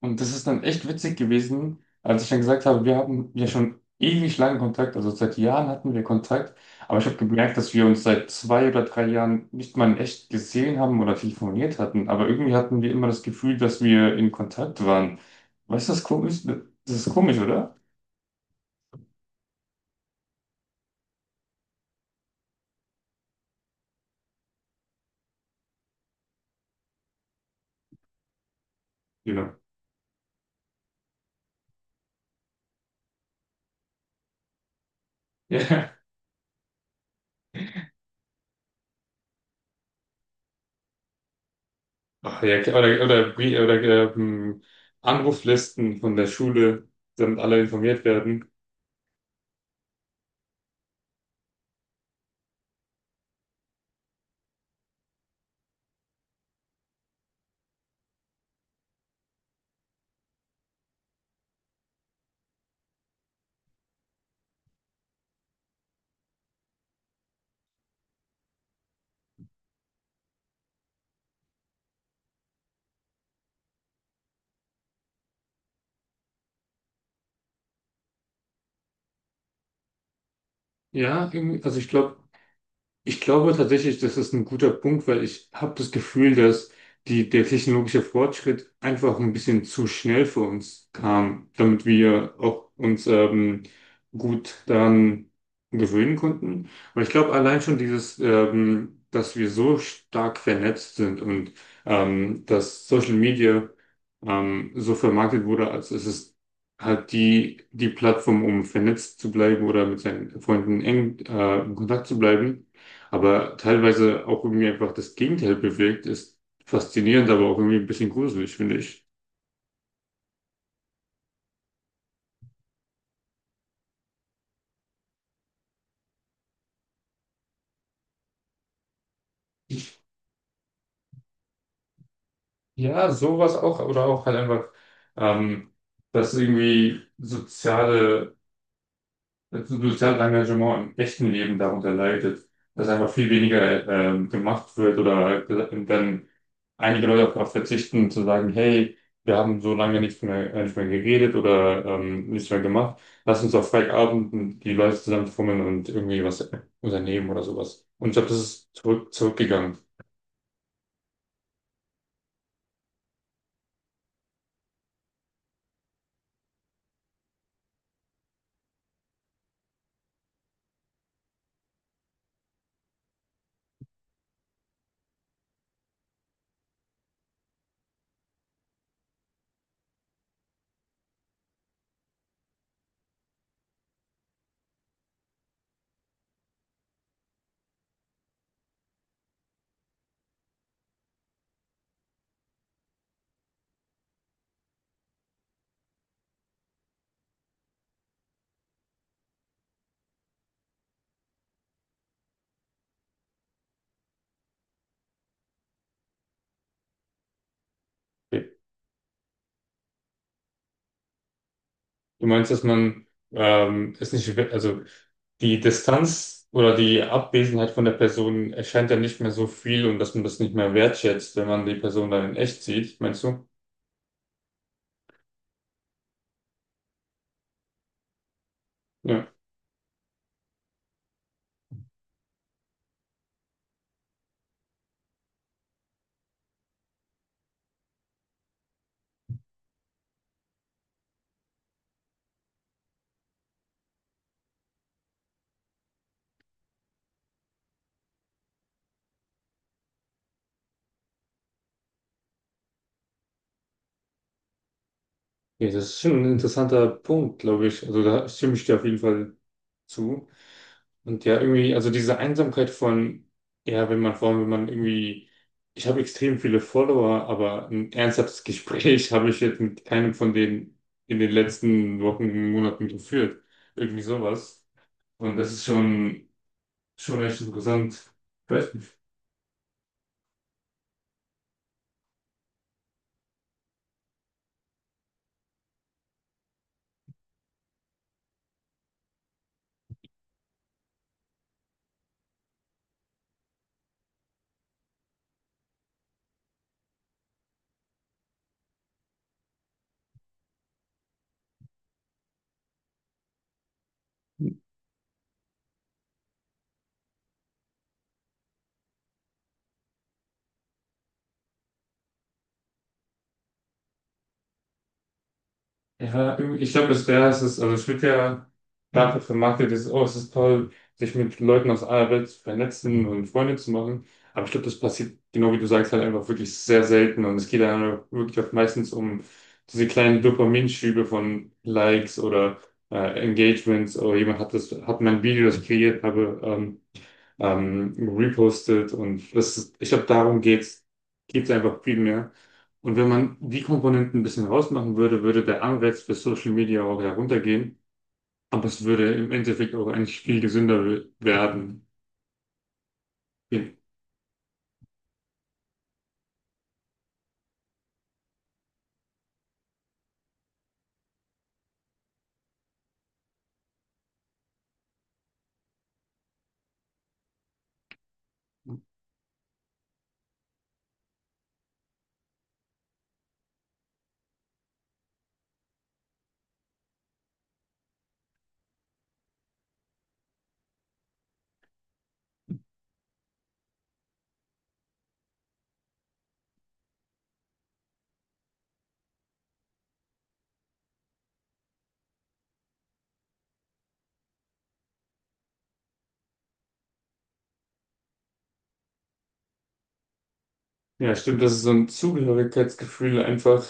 Und das ist dann echt witzig gewesen, als ich dann gesagt habe, wir haben ja schon ewig lange Kontakt, also seit Jahren hatten wir Kontakt, aber ich habe gemerkt, dass wir uns seit zwei oder drei Jahren nicht mal in echt gesehen haben oder telefoniert hatten, aber irgendwie hatten wir immer das Gefühl, dass wir in Kontakt waren. Weißt du, das ist komisch? Das ist komisch, oder? Genau. Ja. Ach, ja, klar. Ähm, Anruflisten von der Schule, damit alle informiert werden. Ja, irgendwie, also ich glaube, tatsächlich, das ist ein guter Punkt, weil ich habe das Gefühl, dass der technologische Fortschritt einfach ein bisschen zu schnell für uns kam, damit wir auch uns gut daran gewöhnen konnten. Aber ich glaube allein schon dieses, dass wir so stark vernetzt sind und dass Social Media so vermarktet wurde, als es ist halt die Plattform, um vernetzt zu bleiben oder mit seinen Freunden eng in Kontakt zu bleiben, aber teilweise auch irgendwie einfach das Gegenteil bewirkt, ist faszinierend, aber auch irgendwie ein bisschen gruselig, finde ich. Ja, sowas auch, oder auch halt einfach, ähm, dass irgendwie soziale das soziale Engagement im echten Leben darunter leidet, dass einfach viel weniger gemacht wird oder halt dann einige Leute auch darauf verzichten, zu sagen, hey, wir haben so lange nicht mehr, nicht mehr geredet oder nichts mehr gemacht, lass uns auf Freitagabend die Leute zusammenfummeln und irgendwie was unternehmen oder sowas. Und ich glaube, das ist zurückgegangen. Du meinst, dass man es nicht, also die Distanz oder die Abwesenheit von der Person erscheint ja nicht mehr so viel und dass man das nicht mehr wertschätzt, wenn man die Person dann in echt sieht, meinst du? Ja. Ja, das ist schon ein interessanter Punkt, glaube ich. Also da stimme ich dir auf jeden Fall zu. Und ja, irgendwie, also diese Einsamkeit von, ja, wenn man, vor allem, wenn man irgendwie, ich habe extrem viele Follower, aber ein ernsthaftes Gespräch habe ich jetzt mit keinem von denen in den letzten Wochen, Monaten geführt. Irgendwie sowas. Und das ist schon echt interessant. Ja, ich glaube, das wäre es, also es wird ja dafür vermarktet, dass, oh, es ist toll, sich mit Leuten aus aller Welt zu vernetzen und Freunde zu machen. Aber ich glaube, das passiert, genau wie du sagst, halt einfach wirklich sehr selten. Und es geht dann wirklich oft meistens um diese kleinen Dopaminschübe von Likes oder Engagements. Oh, jemand hat mein Video, das ich kreiert habe, repostet, und das ist, ich glaube, darum geht's einfach viel mehr. Und wenn man die Komponenten ein bisschen rausmachen würde, würde der Anreiz für Social Media auch heruntergehen. Aber es würde im Endeffekt auch eigentlich viel gesünder werden. Ja, stimmt, das ist so ein Zugehörigkeitsgefühl einfach,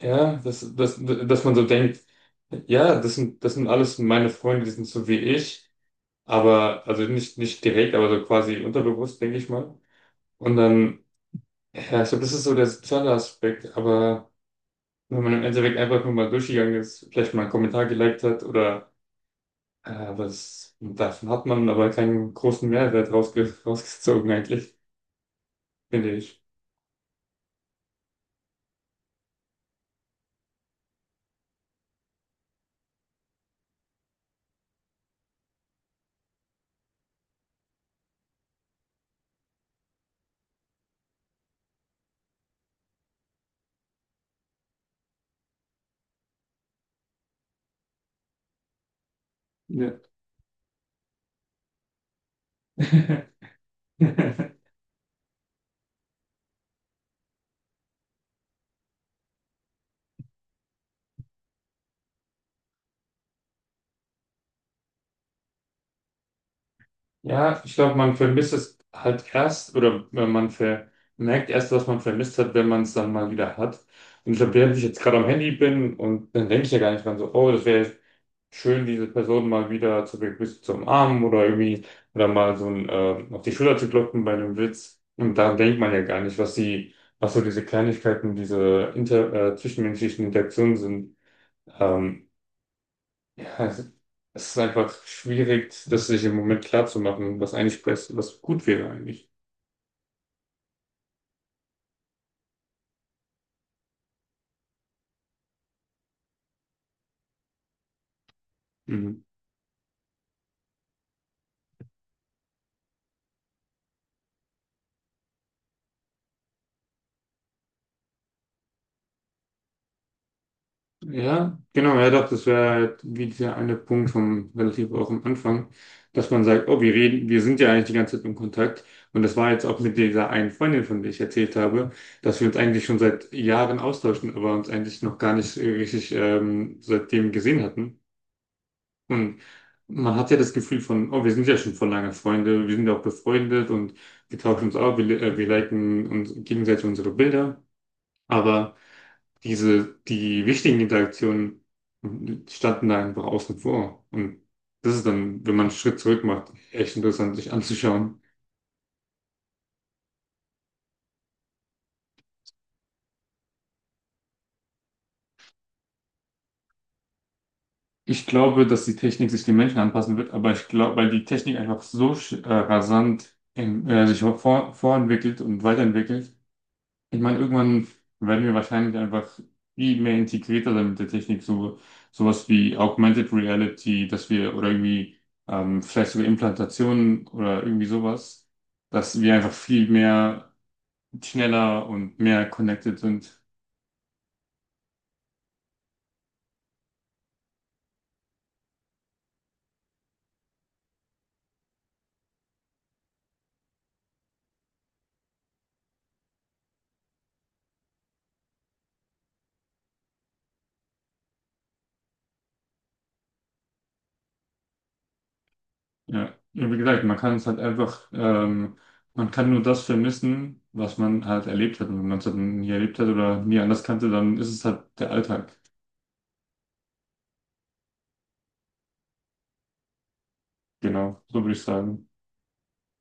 ja, dass man so denkt, ja, das sind alles meine Freunde, die sind so wie ich, aber, nicht direkt, aber so quasi unterbewusst, denke ich mal. Und dann ja, ich glaube, das ist so der soziale Aspekt, aber wenn man im Endeffekt einfach nur mal durchgegangen ist, vielleicht mal einen Kommentar geliked hat oder äh, was davon, hat man aber keinen großen Mehrwert rausge rausgezogen eigentlich, finde ich. Ja. Ja, ich glaube, man vermisst es halt erst, oder wenn man vermerkt erst, was man vermisst hat, wenn man es dann mal wieder hat. Und ich glaube, während ich jetzt gerade am Handy bin, und dann denke ich ja gar nicht dran so, oh, das wäre schön, diese Person mal wieder zu begrüßen, zu umarmen oder irgendwie oder mal so ein, auf die Schulter zu klopfen bei einem Witz. Und daran denkt man ja gar nicht, was was so diese Kleinigkeiten, zwischenmenschlichen Interaktionen sind. Ähm, ja, es ist einfach schwierig, das sich im Moment klar zu machen, was eigentlich was gut wäre eigentlich. Mhm. Ja, genau, ja doch, das wäre halt wie dieser eine Punkt vom relativ auch am Anfang, dass man sagt, oh, wir reden, wir sind ja eigentlich die ganze Zeit im Kontakt. Und das war jetzt auch mit dieser einen Freundin, von der ich erzählt habe, dass wir uns eigentlich schon seit Jahren austauschen, aber uns eigentlich noch gar nicht richtig seitdem gesehen hatten. Und man hat ja das Gefühl von, oh, wir sind ja schon vor lange Freunde, wir sind ja auch befreundet und wir tauschen uns auch, wir liken uns gegenseitig unsere Bilder. Aber die wichtigen Interaktionen standen da einfach außen vor. Und das ist dann, wenn man einen Schritt zurück macht, echt interessant, sich anzuschauen. Ich glaube, dass die Technik sich den Menschen anpassen wird, aber ich glaube, weil die Technik einfach so rasant sich vorentwickelt und weiterentwickelt, ich meine, irgendwann werden wir wahrscheinlich einfach viel mehr integrierter dann mit der Technik, so sowas wie Augmented Reality, dass wir oder irgendwie vielleicht sogar Implantationen oder irgendwie sowas, dass wir einfach viel mehr schneller und mehr connected sind. Ja, und wie gesagt, man kann es halt einfach, man kann nur das vermissen, was man halt erlebt hat. Und wenn man es halt nie erlebt hat oder nie anders kannte, dann ist es halt der Alltag. Genau, so würde ich sagen.